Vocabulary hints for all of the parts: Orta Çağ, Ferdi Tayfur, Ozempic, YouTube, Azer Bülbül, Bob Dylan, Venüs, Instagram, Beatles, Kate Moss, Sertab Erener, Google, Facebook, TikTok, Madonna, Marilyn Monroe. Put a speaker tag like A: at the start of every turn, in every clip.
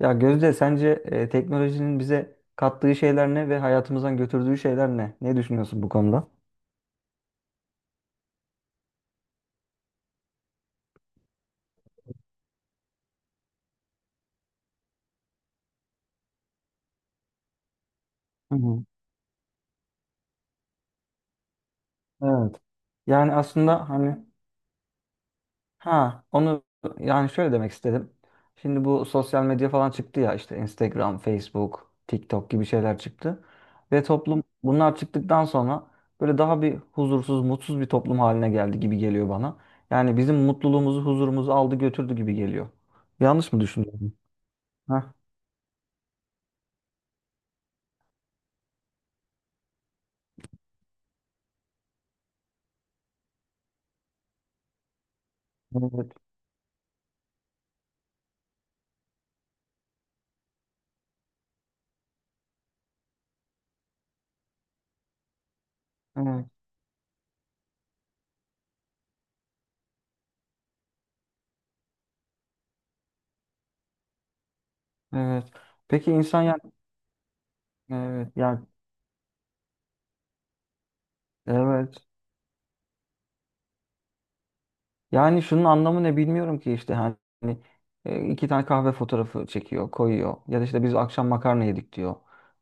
A: Ya Gözde sence teknolojinin bize kattığı şeyler ne ve hayatımızdan götürdüğü şeyler ne? Ne düşünüyorsun bu konuda? Hı hı. Evet. Yani aslında hani ha onu yani Şöyle demek istedim. Şimdi bu sosyal medya falan çıktı ya, işte Instagram, Facebook, TikTok gibi şeyler çıktı. Ve toplum bunlar çıktıktan sonra böyle daha bir huzursuz, mutsuz bir toplum haline geldi gibi geliyor bana. Yani bizim mutluluğumuzu, huzurumuzu aldı götürdü gibi geliyor. Yanlış mı düşünüyorum? Heh. Evet. Evet. Evet. Peki insan yani, evet yani, evet. Yani şunun anlamı ne bilmiyorum ki, işte hani iki tane kahve fotoğrafı çekiyor, koyuyor. Ya da işte biz akşam makarna yedik diyor.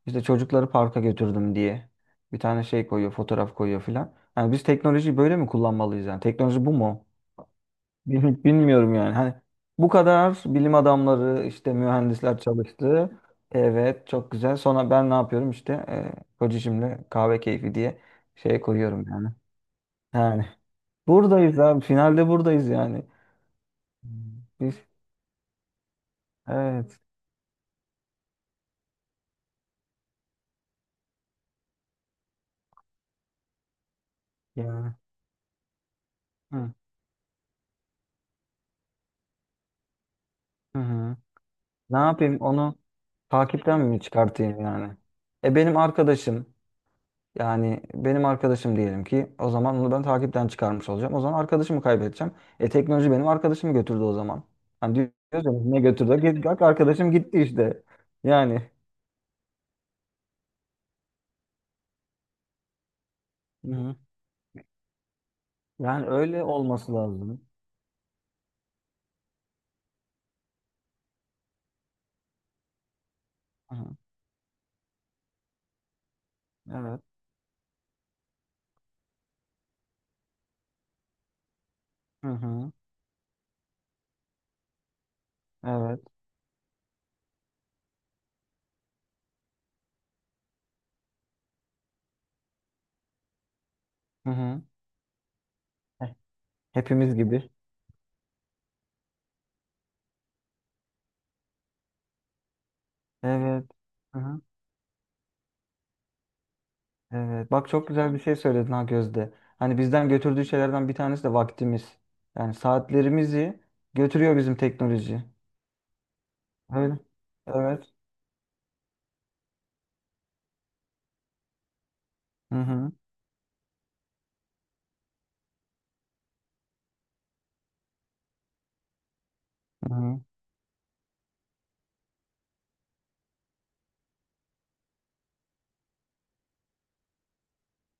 A: İşte çocukları parka götürdüm diye bir tane şey koyuyor, fotoğraf koyuyor filan. Yani biz teknolojiyi böyle mi kullanmalıyız yani? Teknoloji bu mu? Bilmiyorum yani. Hani bu kadar bilim adamları, işte mühendisler çalıştı. Evet, çok güzel. Sonra ben ne yapıyorum işte, kocacığımla kahve keyfi diye şey koyuyorum yani. Yani buradayız abi. Finalde buradayız yani. Hmm. Biz, evet yani. Hı hı. Hı. Ne yapayım, onu takipten mi çıkartayım yani? E benim arkadaşım, yani benim arkadaşım diyelim ki, o zaman onu ben takipten çıkarmış olacağım. O zaman arkadaşımı kaybedeceğim. E teknoloji benim arkadaşımı götürdü o zaman. Hani diyoruz ya, ne götürdü? Bak, arkadaşım gitti işte. Yani. Hı hı. Yani öyle olması lazım. Hı hı. Evet. Hı hı. Evet. Hı hı. Heh. Hepimiz gibi. Evet. Hı hı. Evet. Bak, çok güzel bir şey söyledin ha Gözde. Hani bizden götürdüğü şeylerden bir tanesi de vaktimiz. Yani saatlerimizi götürüyor bizim teknoloji. Öyle. Evet. Hı hı. Hı hı.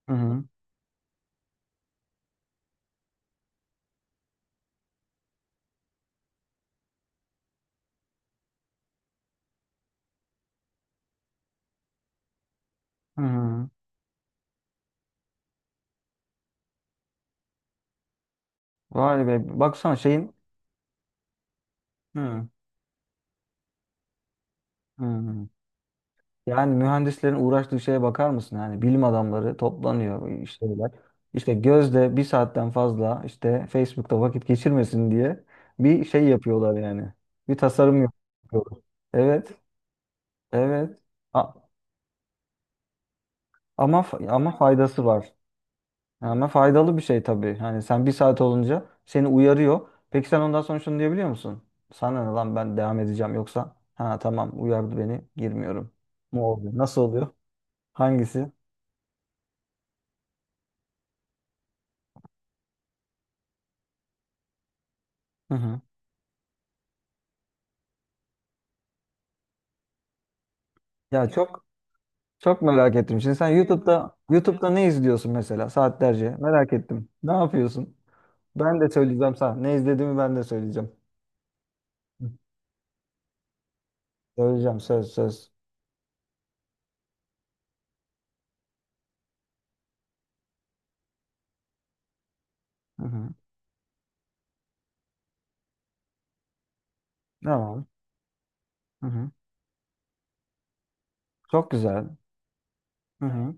A: Hı hı. Hı hı. Vay be. Baksana şeyin. Hı. Hı. Yani mühendislerin uğraştığı şeye bakar mısın? Yani bilim adamları toplanıyor işte böyle. İşte Gözde bir saatten fazla işte Facebook'ta vakit geçirmesin diye bir şey yapıyorlar yani. Bir tasarım yapıyorlar. Evet, evet. A- ama faydası var. Ama faydalı bir şey tabii. Hani sen bir saat olunca seni uyarıyor. Peki sen ondan sonra şunu diyebiliyor musun? Sana ne lan, ben devam edeceğim, yoksa ha tamam, uyardı beni, girmiyorum. Ne oluyor? Nasıl oluyor? Hangisi? Hı hı. Ya çok Çok merak ettim. Şimdi sen YouTube'da, ne izliyorsun mesela saatlerce? Merak ettim. Ne yapıyorsun? Ben de söyleyeceğim sana. Ne izlediğimi ben de söyleyeceğim. Hı. Söyleyeceğim, söz söz. Hı hı. Tamam. Hı hı. Çok güzel. Hı hı.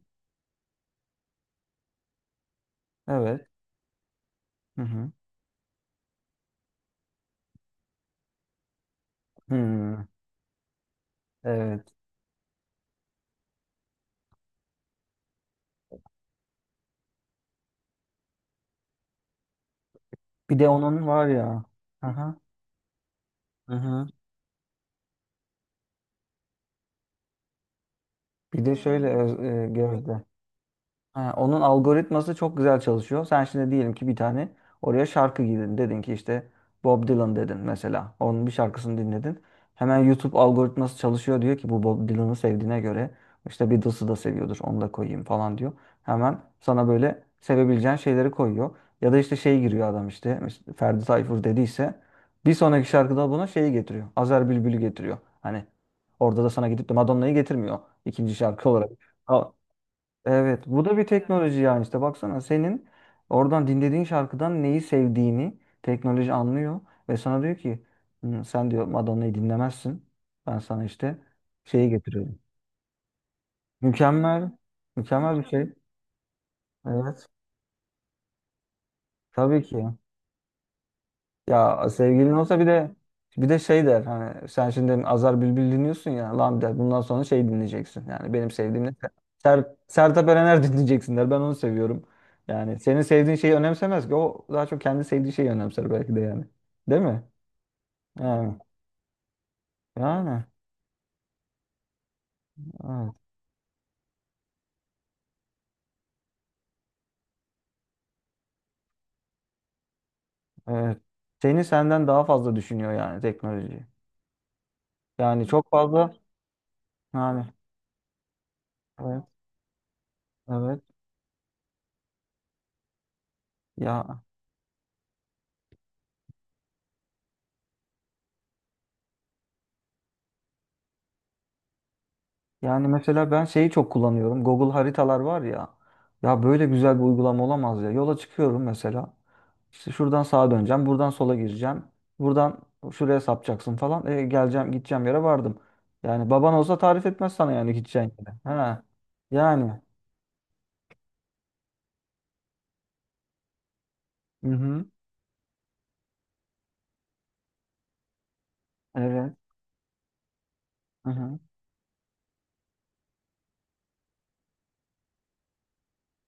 A: Evet. Hı hı. Hı. Evet. Bir de onun var ya. Hı hı. Hı hı. Bir de şöyle öz- e, Gözde, ha, onun algoritması çok güzel çalışıyor. Sen şimdi diyelim ki bir tane oraya şarkı girdin. Dedin ki işte Bob Dylan, dedin mesela. Onun bir şarkısını dinledin. Hemen YouTube algoritması çalışıyor, diyor ki bu Bob Dylan'ı sevdiğine göre işte Beatles'ı da seviyordur. Onu da koyayım falan diyor. Hemen sana böyle sevebileceğin şeyleri koyuyor. Ya da işte şey giriyor adam, işte Ferdi Tayfur dediyse bir sonraki şarkıda buna şeyi getiriyor. Azer Bülbül'ü getiriyor. Hani orada da sana gidip de Madonna'yı getirmiyor ikinci şarkı olarak. Evet, bu da bir teknoloji yani. İşte baksana, senin oradan dinlediğin şarkıdan neyi sevdiğini teknoloji anlıyor ve sana diyor ki "Hmm, sen diyor Madonna'yı dinlemezsin. Ben sana işte şeyi getiriyorum." Mükemmel, mükemmel bir şey. Evet, tabii ki. Ya sevgilin olsa bir de, şey der, hani sen şimdi Azar Bülbül dinliyorsun ya, lan der, bundan sonra şey dinleyeceksin. Yani benim sevdiğim ne? Sertab Erener dinleyeceksin der. Ben onu seviyorum. Yani senin sevdiğin şeyi önemsemez ki. O daha çok kendi sevdiği şeyi önemser belki de yani. Değil mi? Yani. Yani. Evet. Evet. Seni senden daha fazla düşünüyor yani teknoloji. Yani çok fazla, yani evet evet, ya. Yani mesela ben şeyi çok kullanıyorum. Google haritalar var ya. Ya böyle güzel bir uygulama olamaz ya. Yola çıkıyorum mesela. İşte şuradan sağa döneceğim, buradan sola gireceğim. Buradan şuraya sapacaksın falan. E, geleceğim, gideceğim yere vardım. Yani baban olsa tarif etmez sana yani gideceğin yere. Ha. Yani. Hı hı. Evet. Hı hı.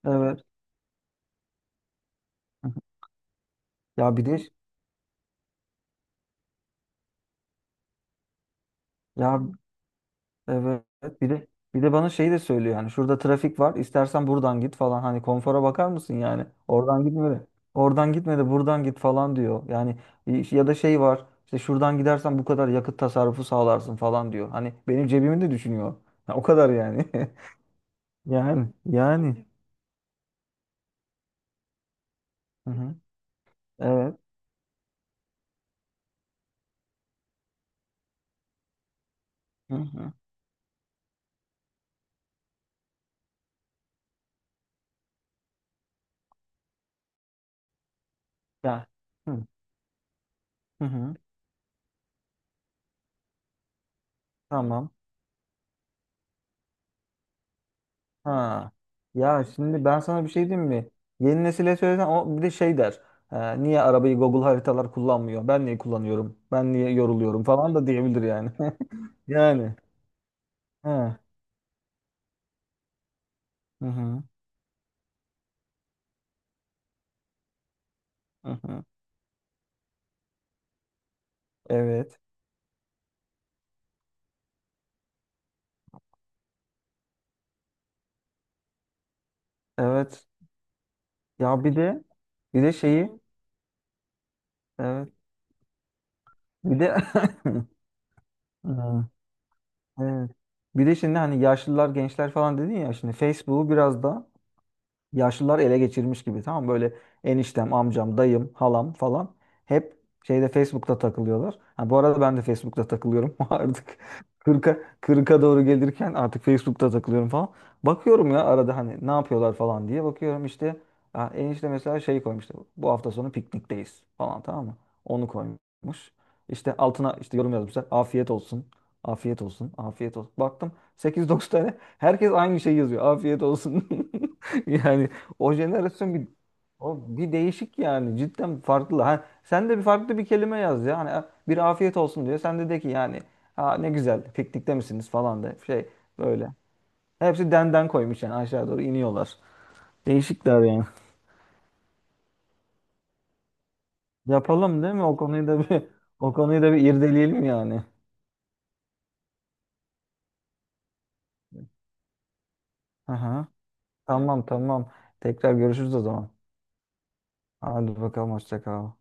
A: Evet. Hı hı. Ya bir de ya Evet. Bir de, bana şey de söylüyor yani, şurada trafik var, istersen buradan git falan, hani konfora bakar mısın yani, oradan gitme de, buradan git falan diyor. Yani ya da şey var, işte şuradan gidersen bu kadar yakıt tasarrufu sağlarsın falan diyor. Hani benim cebimi de düşünüyor. Ya o kadar yani. Yani yani. Hı hı. Evet. Hı hı. Ya. Hı hı. Hı. Tamam. Ha. Ya şimdi ben sana bir şey diyeyim mi? Yeni nesile söylesen o bir de şey der. Niye arabayı Google haritalar kullanmıyor? Ben niye kullanıyorum? Ben niye yoruluyorum falan" da diyebilir yani. Yani. Ha. Hı hı. Hı hı. Evet. Evet. Ya bir de, bir de şeyi evet. Bir de hı, evet. Bir de şimdi hani yaşlılar, gençler falan dedin ya, şimdi Facebook'u biraz da yaşlılar ele geçirmiş gibi, tamam mı? Böyle eniştem, amcam, dayım, halam falan hep şeyde, Facebook'ta takılıyorlar. Ha, bu arada ben de Facebook'ta takılıyorum artık 40'a 40'a doğru gelirken artık Facebook'ta takılıyorum falan. Bakıyorum ya arada, hani ne yapıyorlar falan diye bakıyorum işte. Ha, enişte mesela şey koymuştu. Bu hafta sonu piknikteyiz falan, tamam mı? Onu koymuş. İşte altına işte yorum yazmışlar. Afiyet olsun. Afiyet olsun. Afiyet olsun. Baktım 8-9 tane herkes aynı şeyi yazıyor. Afiyet olsun. Yani o jenerasyon bir, o bir değişik yani, cidden farklı. Ha, sen de bir farklı bir kelime yaz ya. Hani bir afiyet olsun diyor. Sen de de ki yani, ha ne güzel, piknikte misiniz falan da şey böyle. Hepsi denden koymuş yani, aşağı doğru iniyorlar. Değişikler yani. Yapalım değil mi? O konuyu da bir o konuyu da bir irdeleyelim yani. Aha, tamam tamam. Tekrar görüşürüz o zaman. Hadi bakalım, hoşça kal.